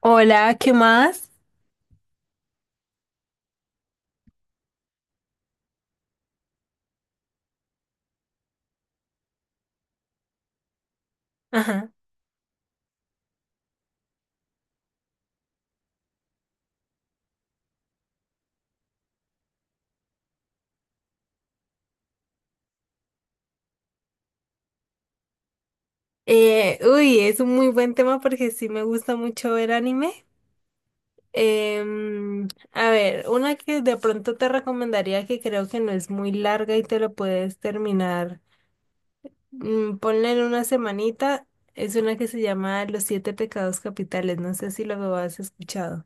Hola, ¿qué más? Ajá. Uy, es un muy buen tema porque sí me gusta mucho ver anime. A ver, una que de pronto te recomendaría que creo que no es muy larga y te lo puedes terminar. Ponle en una semanita. Es una que se llama Los Siete Pecados Capitales. No sé si lo has escuchado.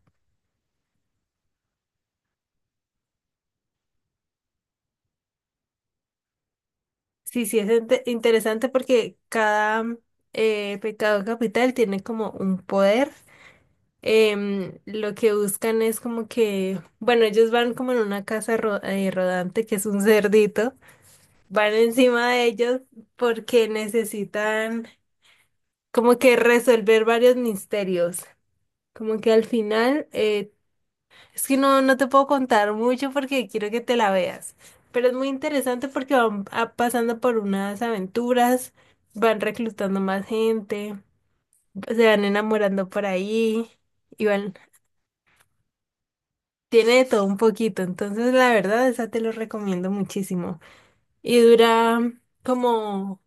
Sí, sí, es interesante porque cada pecado capital tiene como un poder. Lo que buscan es como que, bueno, ellos van como en una casa rodante que es un cerdito, van encima de ellos porque necesitan como que resolver varios misterios, como que al final, es que no, no te puedo contar mucho porque quiero que te la veas, pero es muy interesante porque van pasando por unas aventuras, van reclutando más gente, se van enamorando por ahí. Y van Tiene de todo un poquito, entonces la verdad esa te lo recomiendo muchísimo. Y dura como,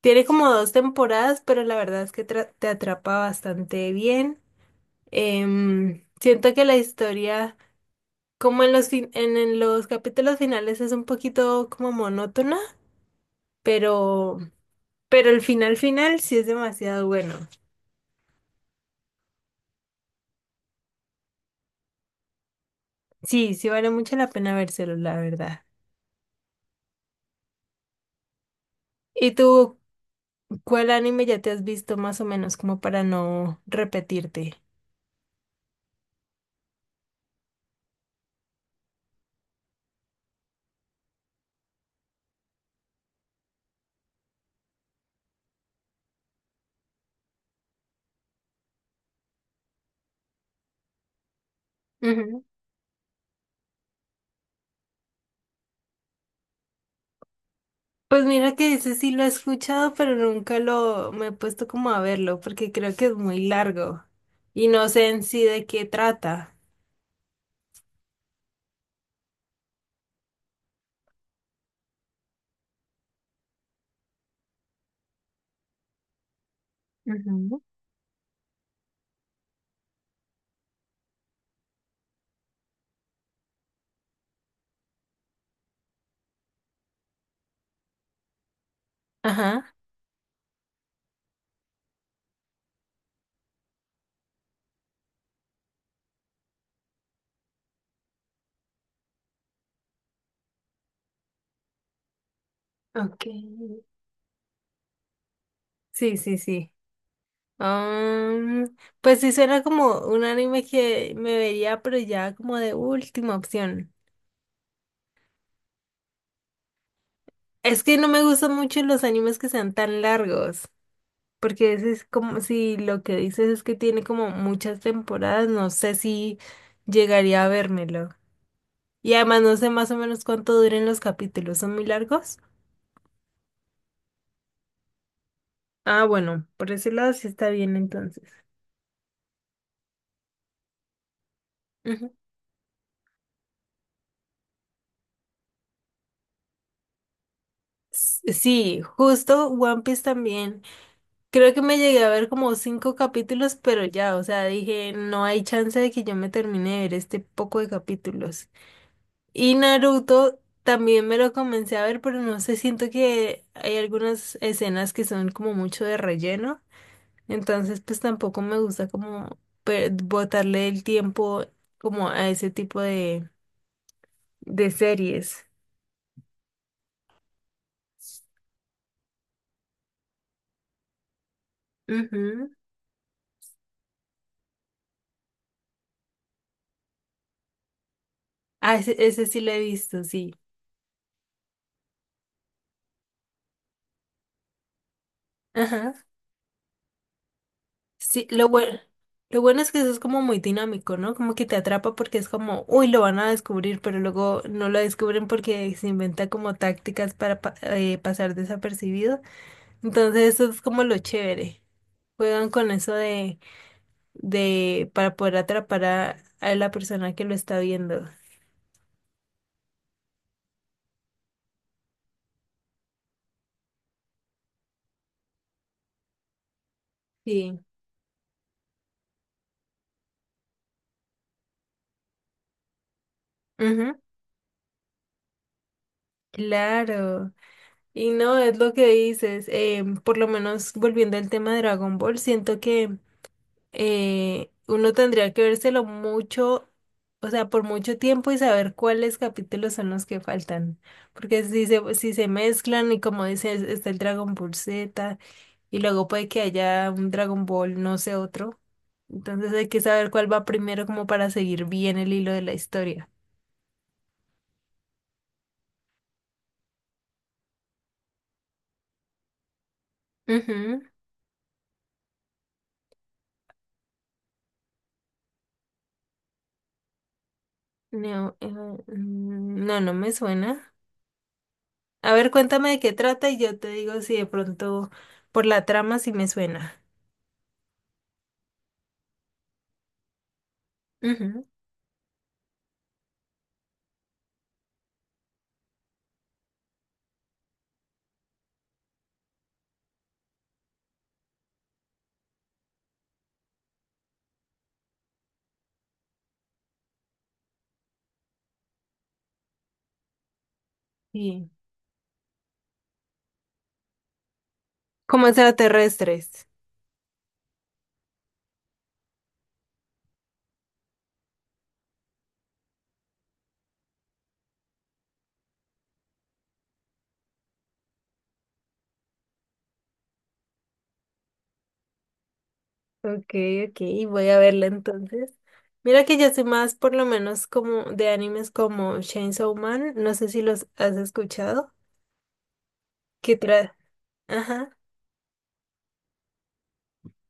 tiene como dos temporadas, pero la verdad es que te atrapa bastante bien. Siento que la historia, como en los en los capítulos finales es un poquito como monótona, pero, pero el final final sí es demasiado bueno. Sí, sí vale mucho la pena vérselo, la verdad. ¿Y tú cuál anime ya te has visto más o menos como para no repetirte? Ujú. Pues mira que ese sí lo he escuchado, pero nunca lo me he puesto como a verlo, porque creo que es muy largo y no sé en sí de qué trata. Ujú. Ajá, okay. Sí, sí, sí. Am, pues sí suena como un anime que me vería, pero ya como de última opción. Es que no me gustan mucho los animes que sean tan largos, porque ese es como si lo que dices es que tiene como muchas temporadas, no sé si llegaría a vérmelo. Y además no sé más o menos cuánto duren los capítulos, ¿son muy largos? Ah, bueno, por ese lado sí está bien entonces. Ujú. Sí, justo One Piece también. Creo que me llegué a ver como cinco capítulos, pero ya, o sea, dije, no hay chance de que yo me termine de ver este poco de capítulos. Y Naruto también me lo comencé a ver, pero no sé, siento que hay algunas escenas que son como mucho de relleno. Entonces, pues tampoco me gusta como botarle el tiempo como a ese tipo de series. Ujú. Ah, ese sí lo he visto, sí. Ajá. Sí, lo bueno es que eso es como muy dinámico, ¿no? Como que te atrapa porque es como, uy, lo van a descubrir, pero luego no lo descubren porque se inventa como tácticas para pasar desapercibido. Entonces, eso es como lo chévere. Juegan con eso de, para poder atrapar a la persona que lo está viendo. Sí. Ujú. Claro, y no, es lo que dices, por lo menos volviendo al tema de Dragon Ball, siento que uno tendría que vérselo mucho, o sea, por mucho tiempo y saber cuáles capítulos son los que faltan, porque si se mezclan y como dices, está el Dragon Ball Z y luego puede que haya un Dragon Ball, no sé, otro. Entonces hay que saber cuál va primero como para seguir bien el hilo de la historia. Ujú. No, no, no me suena. A ver, cuéntame de qué trata y yo te digo si de pronto por la trama sí me suena. Ujú. Sí. Como extraterrestres. Ok, ok, voy a verla entonces. Mira que yo soy más por lo menos como de animes como Chainsaw Man, no sé si los has escuchado, que tra- Ajá.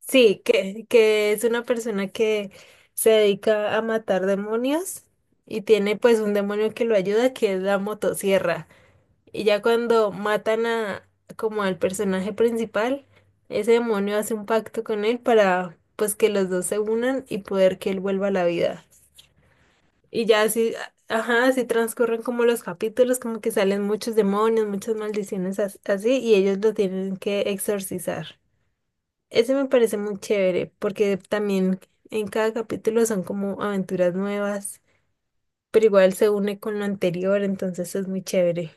Sí, que es una persona que se dedica a matar demonios y tiene pues un demonio que lo ayuda, que es la motosierra. Y ya cuando matan a como al personaje principal, ese demonio hace un pacto con él para pues que los dos se unan y poder que él vuelva a la vida. Y ya así, ajá, así transcurren como los capítulos, como que salen muchos demonios, muchas maldiciones así, y ellos lo tienen que exorcizar. Ese me parece muy chévere porque también en cada capítulo son como aventuras nuevas, pero igual se une con lo anterior, entonces es muy chévere.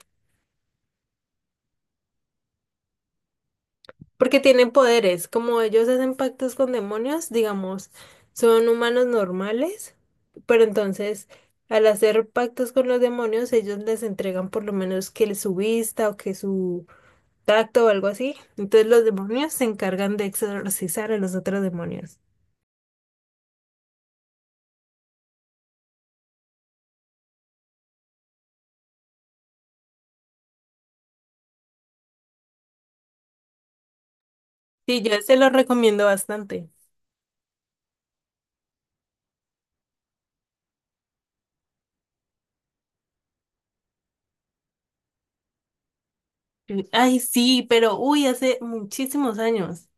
Porque tienen poderes, como ellos hacen pactos con demonios, digamos, son humanos normales, pero entonces al hacer pactos con los demonios, ellos les entregan por lo menos que su vista o que su tacto o algo así. Entonces los demonios se encargan de exorcizar a los otros demonios. Sí, yo se lo recomiendo bastante. Ay, sí, pero uy, hace muchísimos años.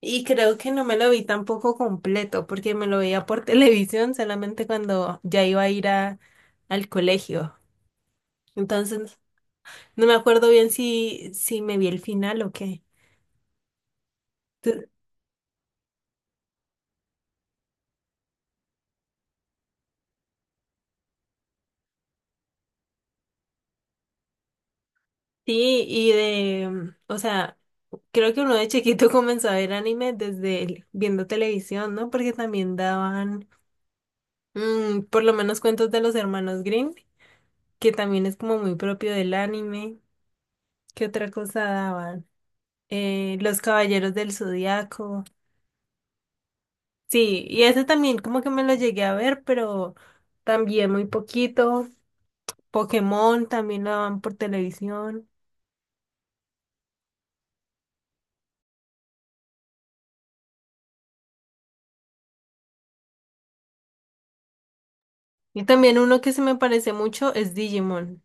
Y creo que no me lo vi tampoco completo, porque me lo veía por televisión solamente cuando ya iba a ir al colegio. Entonces, no me acuerdo bien si me vi el final o qué. Tu- Sí, o sea, creo que uno de chiquito comenzó a ver anime desde viendo televisión, ¿no? Porque también daban, por lo menos cuentos de los hermanos Green, que también es como muy propio del anime. ¿Qué otra cosa daban? Los Caballeros del Zodiaco. Sí, y ese también como que me lo llegué a ver, pero también muy poquito. Pokémon también lo daban por televisión. Y también uno que se me parece mucho es Digimon,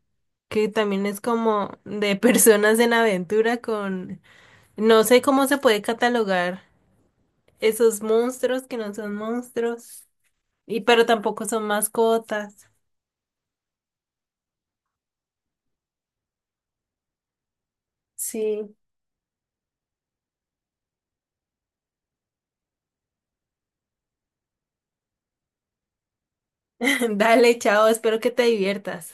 que también es como de personas en aventura con... No sé cómo se puede catalogar esos monstruos que no son monstruos, y pero tampoco son mascotas. Sí. Dale, chao, espero que te diviertas.